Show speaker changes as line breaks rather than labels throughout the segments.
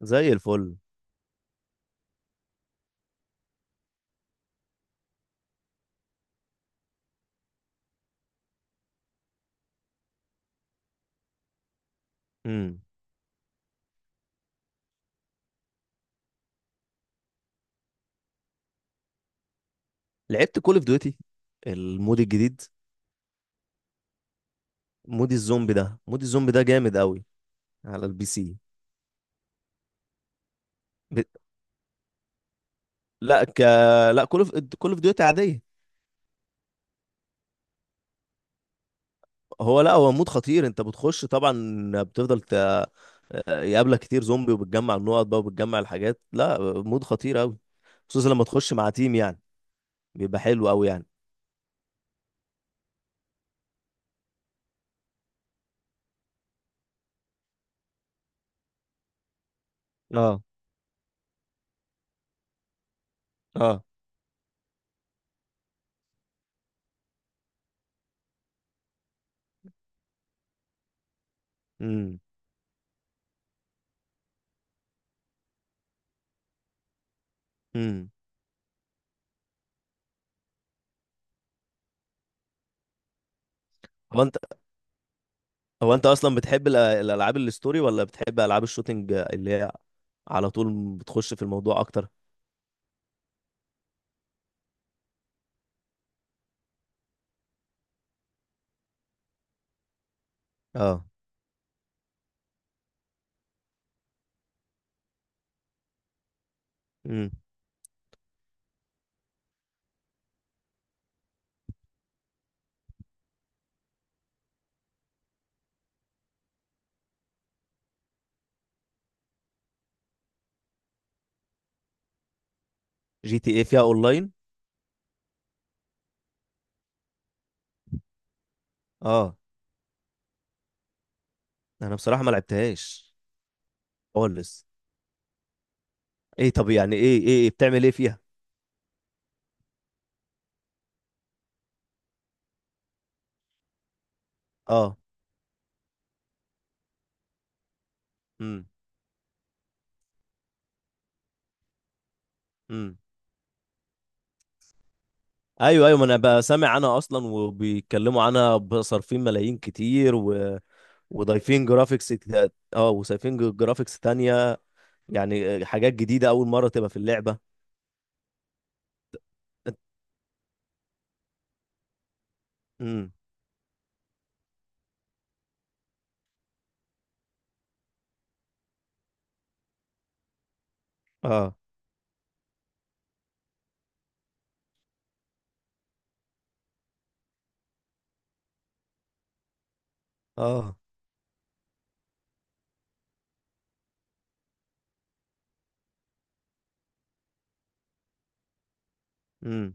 زي الفل. امم لعبت كول اوف ديوتي، المود الجديد. مود الزومبي ده جامد قوي على البي سي. ب... لا ك لا كول اوف كول اوف ديوتي عاديه. هو لا هو مود خطير. انت بتخش طبعا، بتفضل ت... آه، يقابلك كتير زومبي، وبتجمع النقط بقى، وبتجمع الحاجات، لا مود خطير قوي، خصوصا لما تخش مع تيم يعني، بيبقى حلو قوي يعني. اه، اه. امم امم هو انت هو انت اصلا بتحب الالعاب الستوري ولا بتحب العاب الشوتينج اللي هي على طول بتخش في الموضوع اكتر؟ اه. امم جي تي اي فيها اونلاين؟ اه، انا بصراحة ما لعبتهاش خالص. ايه؟ طب يعني، ايه ايه إيه؟ بتعمل ايه فيها؟ اه. امم امم ايوه، ايوه، ما انا بسمع عنها اصلا وبيتكلموا عنها، بصرفين ملايين كتير و... اه، جرافيكس تانية، يعني حاجات جديدة اول مرة تبقى في اللعبة. امم اه، اه. امم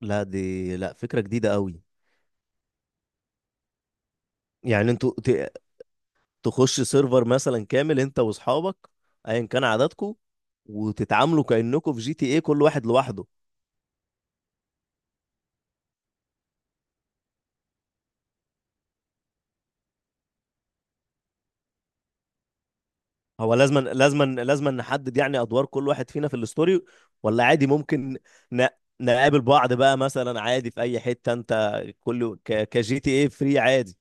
لا، دي لا فكرة جديدة قوي. يعني انتوا تخش سيرفر مثلا كامل انت واصحابك، ايا كان عددكم، وتتعاملوا كأنكم في جي تي ايه كل واحد لوحده؟ هو لازما نحدد يعني ادوار كل واحد فينا في الستوري، ولا عادي ممكن ن... نقابل بعض بقى مثلا عادي في اي حتة انت، كل كجي تي ايه فري عادي؟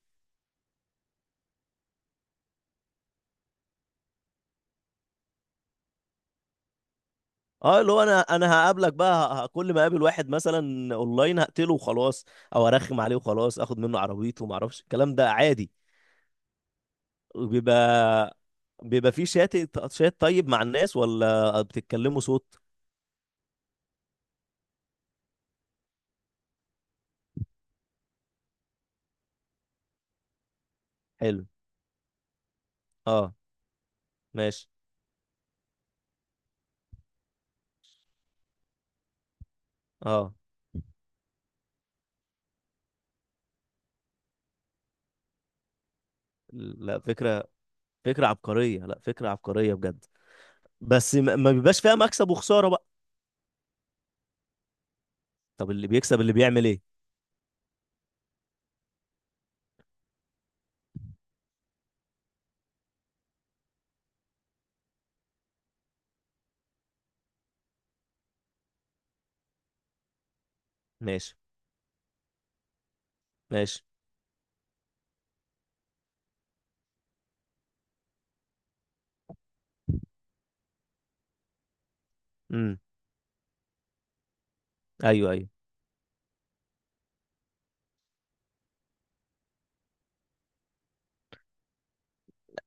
اه، اللي هو انا هقابلك بقى، كل ما اقابل واحد مثلا اونلاين هقتله وخلاص، او ارخم عليه وخلاص اخد منه عربيته وما اعرفش الكلام ده عادي. بيبقى بيبقى في شات، شات طيب مع الناس ولا بتتكلموا صوت؟ حلو. اه. ماشي. اه. لا، فكرة. فكرة عبقرية لا فكرة عبقرية بجد. بس ما بيبقاش فيها مكسب وخسارة بقى؟ طب اللي بيكسب اللي بيعمل ايه؟ ماشي، ماشي. امم ايوه، ايوه،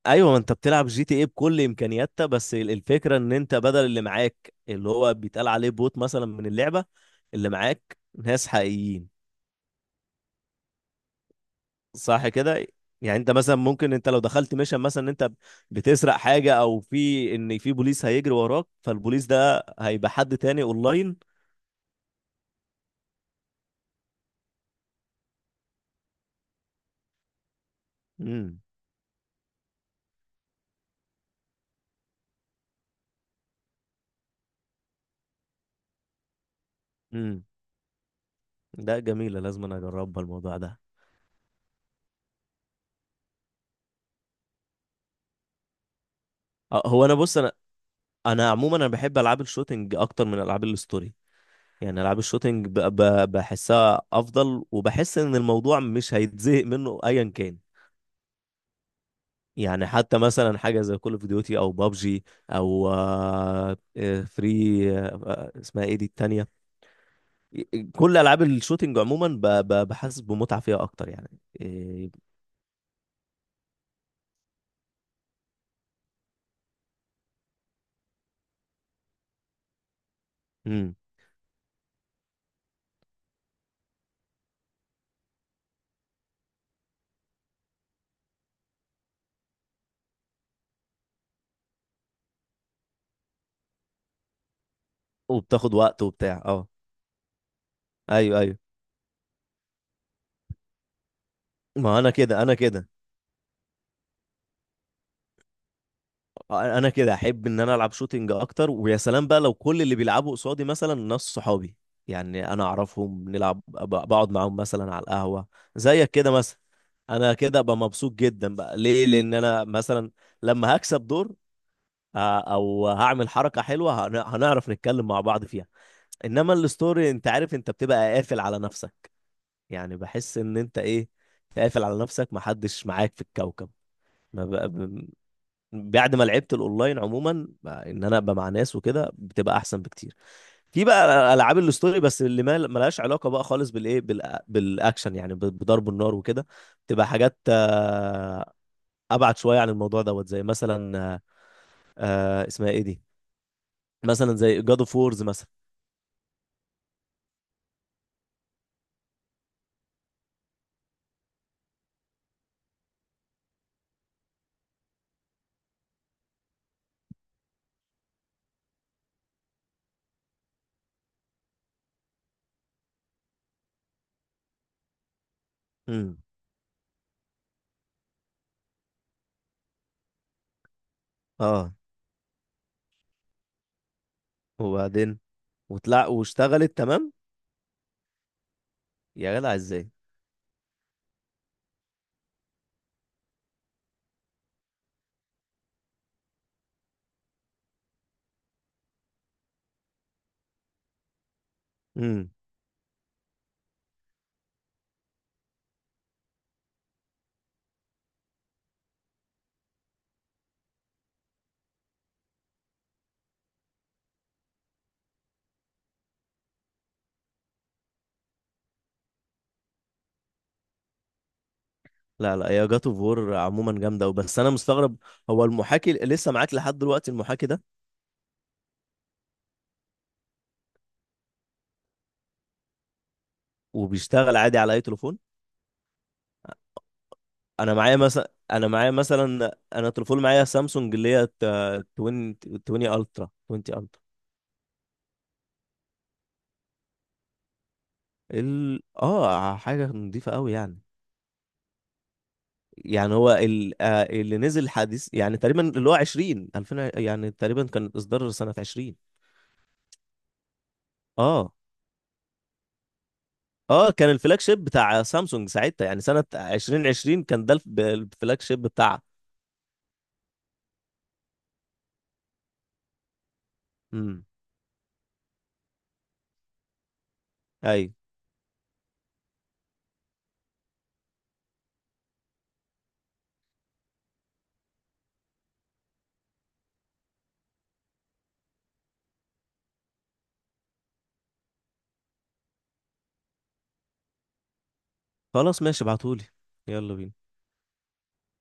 ايوه، ما انت بتلعب جي تي ايه بكل امكانياتها، بس الفكرة ان انت بدل اللي معاك، اللي هو بيتقال عليه بوت مثلا من اللعبة، اللي معاك ناس حقيقيين. صح كده؟ يعني انت مثلا ممكن انت لو دخلت ميشن مثلا ان انت بتسرق حاجه، او في ان في بوليس هيجري وراك، فالبوليس ده هيبقى حد تاني اونلاين؟ امم امم ده جميله، لازم انا اجربها الموضوع ده. اه، هو انا بص، انا عموما انا بحب العاب الشوتينج اكتر من العاب الستوري. يعني العاب الشوتينج بحسها افضل، وبحس ان الموضوع مش هيتزهق منه ايا كان. يعني حتى مثلا حاجه زي كول اوف ديوتي او بابجي، او فري، آه، اسمها ايه دي التانية؟ كل العاب الشوتينج عموما بحس بمتعه فيها اكتر يعني. إيه. امم وبتاخد وقت وبتاع، اه، ايوه، ايوه. ما انا كده، انا كده احب ان انا العب شوتينج اكتر، ويا سلام بقى لو كل اللي بيلعبوا قصادي مثلا ناس صحابي، يعني انا اعرفهم، نلعب، بقعد معاهم مثلا على القهوه، زيك كده مثلا. انا كده ابقى مبسوط جدا بقى، ليه؟ لان انا مثلا لما هكسب دور، او هعمل حركه حلوه، هنعرف نتكلم مع بعض فيها. انما الستوري انت عارف انت بتبقى قافل على نفسك. يعني بحس ان انت ايه، قافل على نفسك، محدش معاك في الكوكب. ما بقى بعد ما لعبت الاونلاين عموما، بقى ان انا ابقى مع ناس وكده بتبقى احسن بكتير. في بقى العاب الاستوري بس اللي ما ملهاش علاقه بقى خالص بالايه، بالاكشن، يعني بضرب النار وكده. بتبقى حاجات ابعد شويه عن الموضوع دوت، زي مثلا، اسمها ايه دي؟ مثلا زي جاد اوف وورز مثلا. امم اه، وبعدين. وطلع واشتغلت تمام. يا جدع ازاي؟ امم لا، لا، يا جاد اوف وور عموما جامده، وبس انا مستغرب، هو المحاكي لسه معاك لحد دلوقتي المحاكي ده؟ وبيشتغل عادي على اي تليفون؟ انا تليفون معايا سامسونج، اللي هي 20، 20 الترا. اه، حاجه نظيفه قوي يعني. يعني هو آه، اللي نزل حديث، يعني تقريبا، اللي هو 20، 2000، يعني تقريبا كان اصدار سنه 20. اه، اه. كان الفلاج شيب بتاع سامسونج ساعتها، يعني سنه 2020 كان ده الفلاج شيب بتاعها. امم ايوه، خلاص، ماشي، ابعتهولي. يلا بينا.